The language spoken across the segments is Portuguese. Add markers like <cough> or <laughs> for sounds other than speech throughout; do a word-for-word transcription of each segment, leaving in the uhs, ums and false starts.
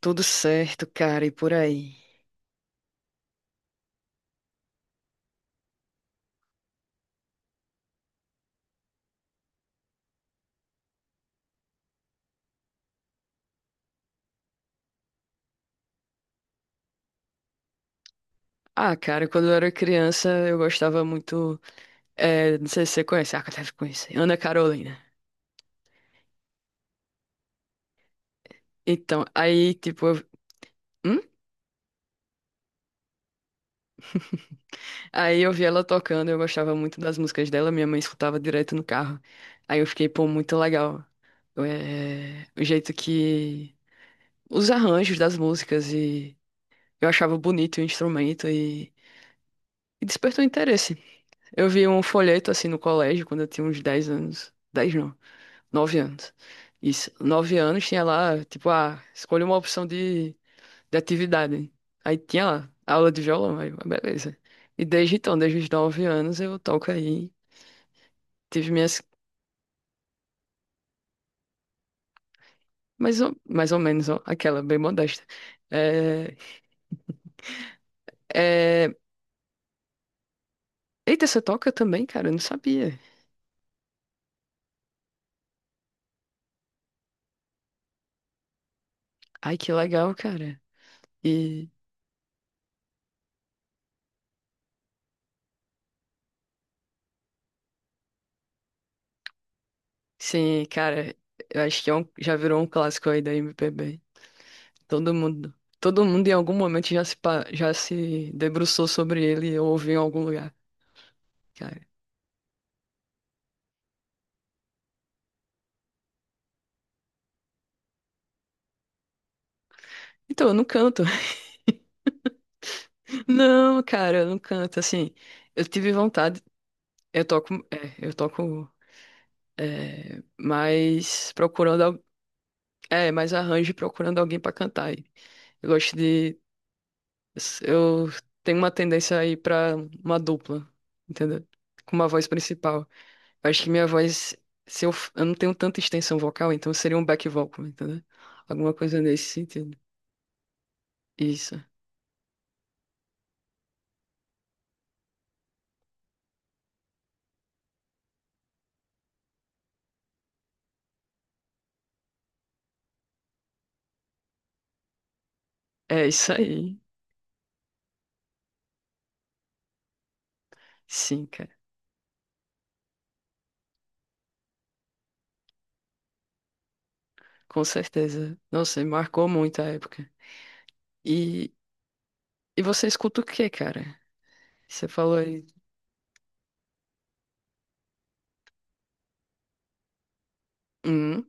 Tudo certo, cara, e por aí? Ah, cara, quando eu era criança, eu gostava muito. É, não sei se você conhece, ah, deve conhecer. Ana Carolina. Então, aí, tipo. Eu- hum? Aí eu vi ela tocando, eu gostava muito das músicas dela, minha mãe escutava direto no carro. Aí eu fiquei, pô, muito legal. É, o jeito que. Os arranjos das músicas e. Eu achava bonito o instrumento e, e despertou interesse. Eu vi um folheto assim no colégio quando eu tinha uns dez anos. Dez não. Nove anos. Isso. Nove anos tinha lá, tipo, ah, escolha uma opção de, de atividade. Aí tinha lá, aula de violão, aí, eu, ah, beleza. E desde então, desde os nove anos, eu toco aí. Tive minhas, mais ou, mais ou menos, ó, aquela, bem modesta. É, é... Eita, você toca também, cara? Eu não sabia. Ai, que legal, cara. E, sim, cara, eu acho que é um, já virou um clássico aí da M P B. Todo mundo, todo mundo em algum momento já se, pa- já se debruçou sobre ele ou ouviu em algum lugar, cara. Então, eu não canto. <laughs> Não, cara, eu não canto. Assim, eu tive vontade, eu toco, é, eu toco, é, mas procurando, al- é, mais arranjo e procurando alguém pra cantar. Aí. Eu gosto de, eu tenho uma tendência aí pra uma dupla, entendeu? Com uma voz principal. Acho que minha voz, se eu, f- eu não tenho tanta extensão vocal, então seria um back vocal, entendeu? Alguma coisa nesse sentido. Isso. É isso aí. Sim, cara. Com certeza. Nossa, marcou muito a época. E, e você escuta o quê, cara? Você falou aí. Hum,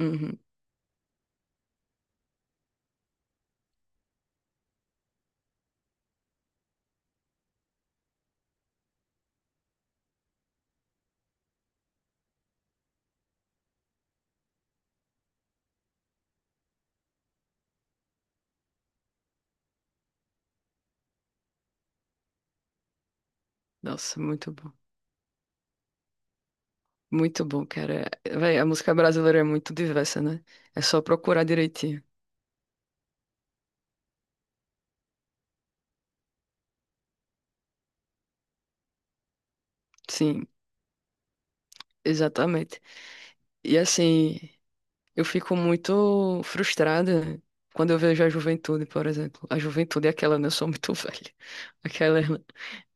uhum. Nossa, muito bom. Muito bom, cara. Véi, a música brasileira é muito diversa, né? É só procurar direitinho. Sim, exatamente. E assim. Eu fico muito frustrada quando eu vejo a juventude, por exemplo. A juventude é aquela, né? Eu sou muito <laughs> velha. Aquela.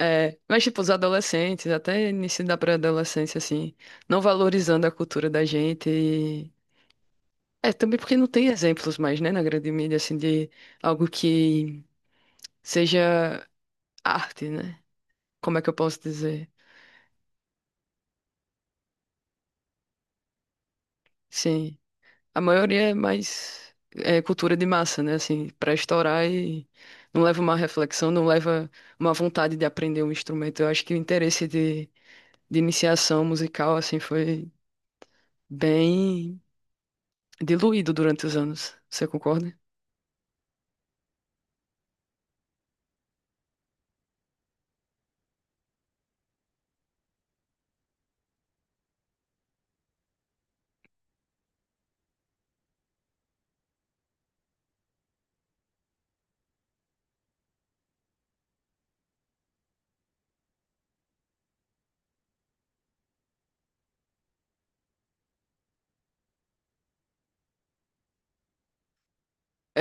É, mas, tipo, os adolescentes, até início da pré-adolescência, assim, não valorizando a cultura da gente. e- É, também porque não tem exemplos mais, né, na grande mídia, assim, de algo que seja arte, né? Como é que eu posso dizer? Sim. A maioria é mais é, cultura de massa, né? Assim, para estourar e não leva uma reflexão, não leva uma vontade de aprender um instrumento. Eu acho que o interesse de, de iniciação musical, assim, foi bem diluído durante os anos. Você concorda?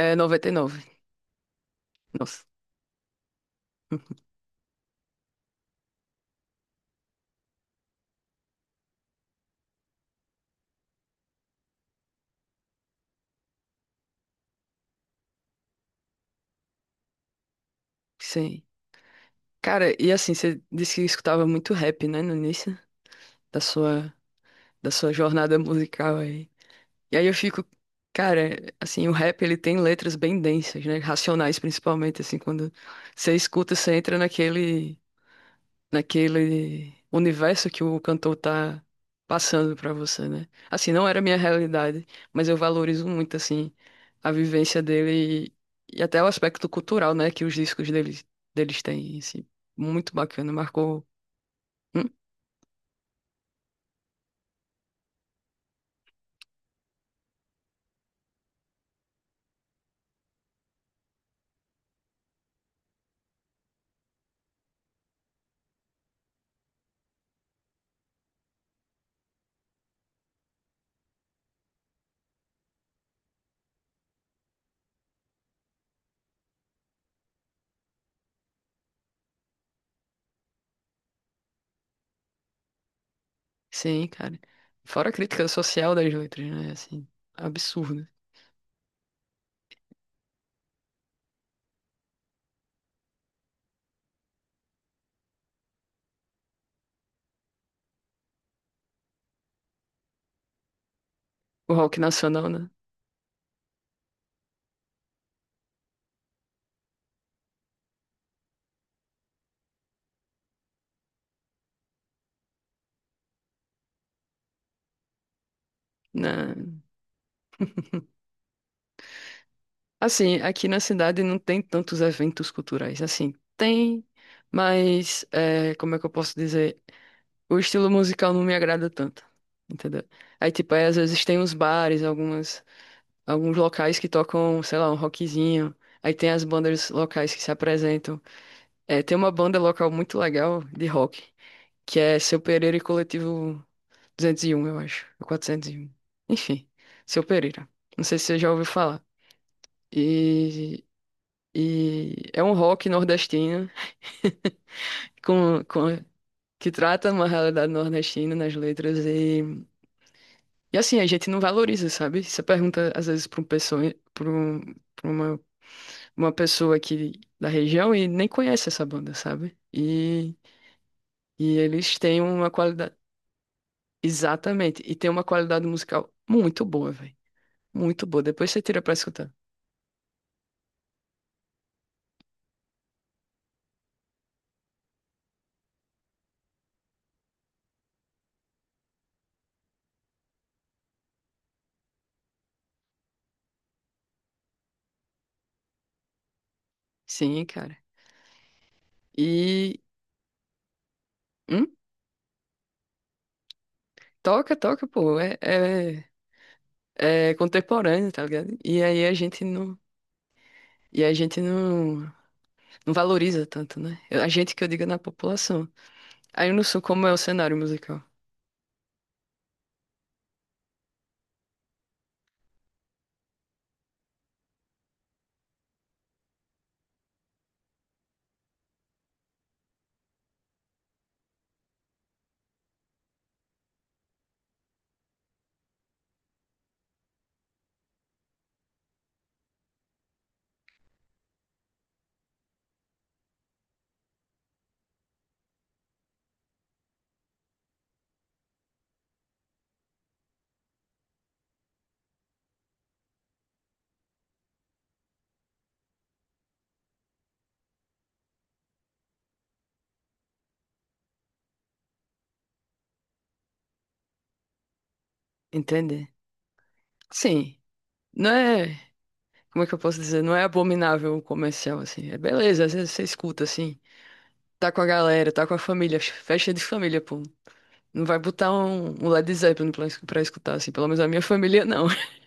É noventa e nove. Nossa. <laughs> Sim. Cara, e assim, você disse que escutava muito rap, né, no início da sua, da sua jornada musical aí. E aí eu fico, cara, assim, o rap ele tem letras bem densas, né? Racionais principalmente, assim, quando você escuta, você entra naquele naquele universo que o cantor tá passando pra você, né? Assim, não era a minha realidade, mas eu valorizo muito assim a vivência dele e, e até o aspecto cultural, né, que os discos deles deles têm, assim, muito bacana, marcou. Hum? Sim, cara. Fora a crítica social das letras, né? Assim, absurdo. O rock nacional, né? Na. Assim, aqui na cidade não tem tantos eventos culturais. Assim, tem, mas é, como é que eu posso dizer? O estilo musical não me agrada tanto, entendeu? Aí, tipo, aí, às vezes tem uns bares, algumas, alguns locais que tocam, sei lá, um rockzinho. Aí tem as bandas locais que se apresentam. É, tem uma banda local muito legal de rock, que é Seu Pereira e Coletivo duzentos e um, eu acho, ou quatrocentos e um. Enfim, Seu Pereira. Não sei se você já ouviu falar. E E é um rock nordestino com, com- que trata uma realidade nordestina nas letras e, e assim, a gente não valoriza, sabe? Você pergunta às vezes para um pessoa, para um, pra uma, uma pessoa aqui da região e nem conhece essa banda, sabe? E, e eles têm uma qualidade, exatamente, e tem uma qualidade musical muito boa, velho. Muito boa. Depois você tira pra escutar. Sim, cara. E hum, toca, toca, pô. É, é- é, contemporâneo, tá ligado? E aí a gente não. E a gente não, não valoriza tanto, né? A gente que eu digo é na população. Aí eu não sei como é o cenário musical, entende? Sim, não é. Como é que eu posso dizer? Não é abominável o comercial, assim. É beleza, às vezes você escuta, assim. Tá com a galera, tá com a família, festa de família, pô. Não vai botar um, um Led Zeppelin pra, es- pra escutar, assim. Pelo menos a minha família não. <laughs>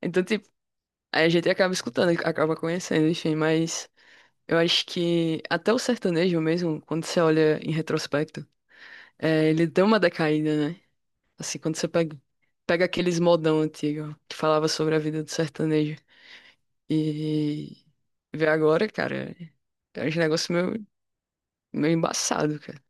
Então, tipo, aí a gente acaba escutando, acaba conhecendo, enfim, mas. Eu acho que até o sertanejo mesmo, quando você olha em retrospecto, é, ele deu uma decaída, né? Assim, quando você pega, pega aqueles modão antigo que falava sobre a vida do sertanejo e vê agora, cara, é um negócio meio, meio embaçado, cara.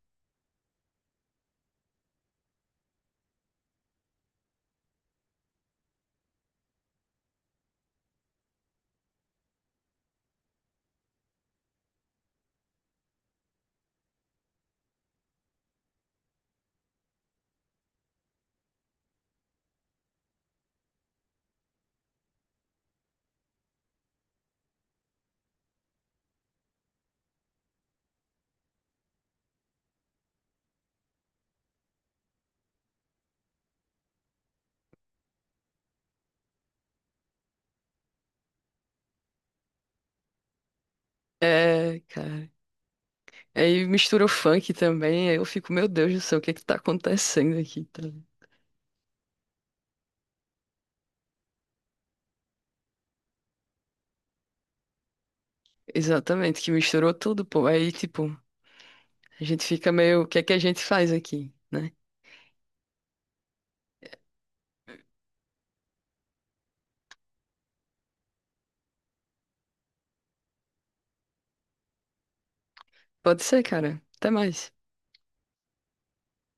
É, cara. Aí mistura o funk também, aí eu fico, meu Deus do céu, o que é que tá acontecendo aqui? Tá? Exatamente, que misturou tudo, pô. Aí, tipo, a gente fica meio, o que é que a gente faz aqui, né? Pode ser, cara. Até mais.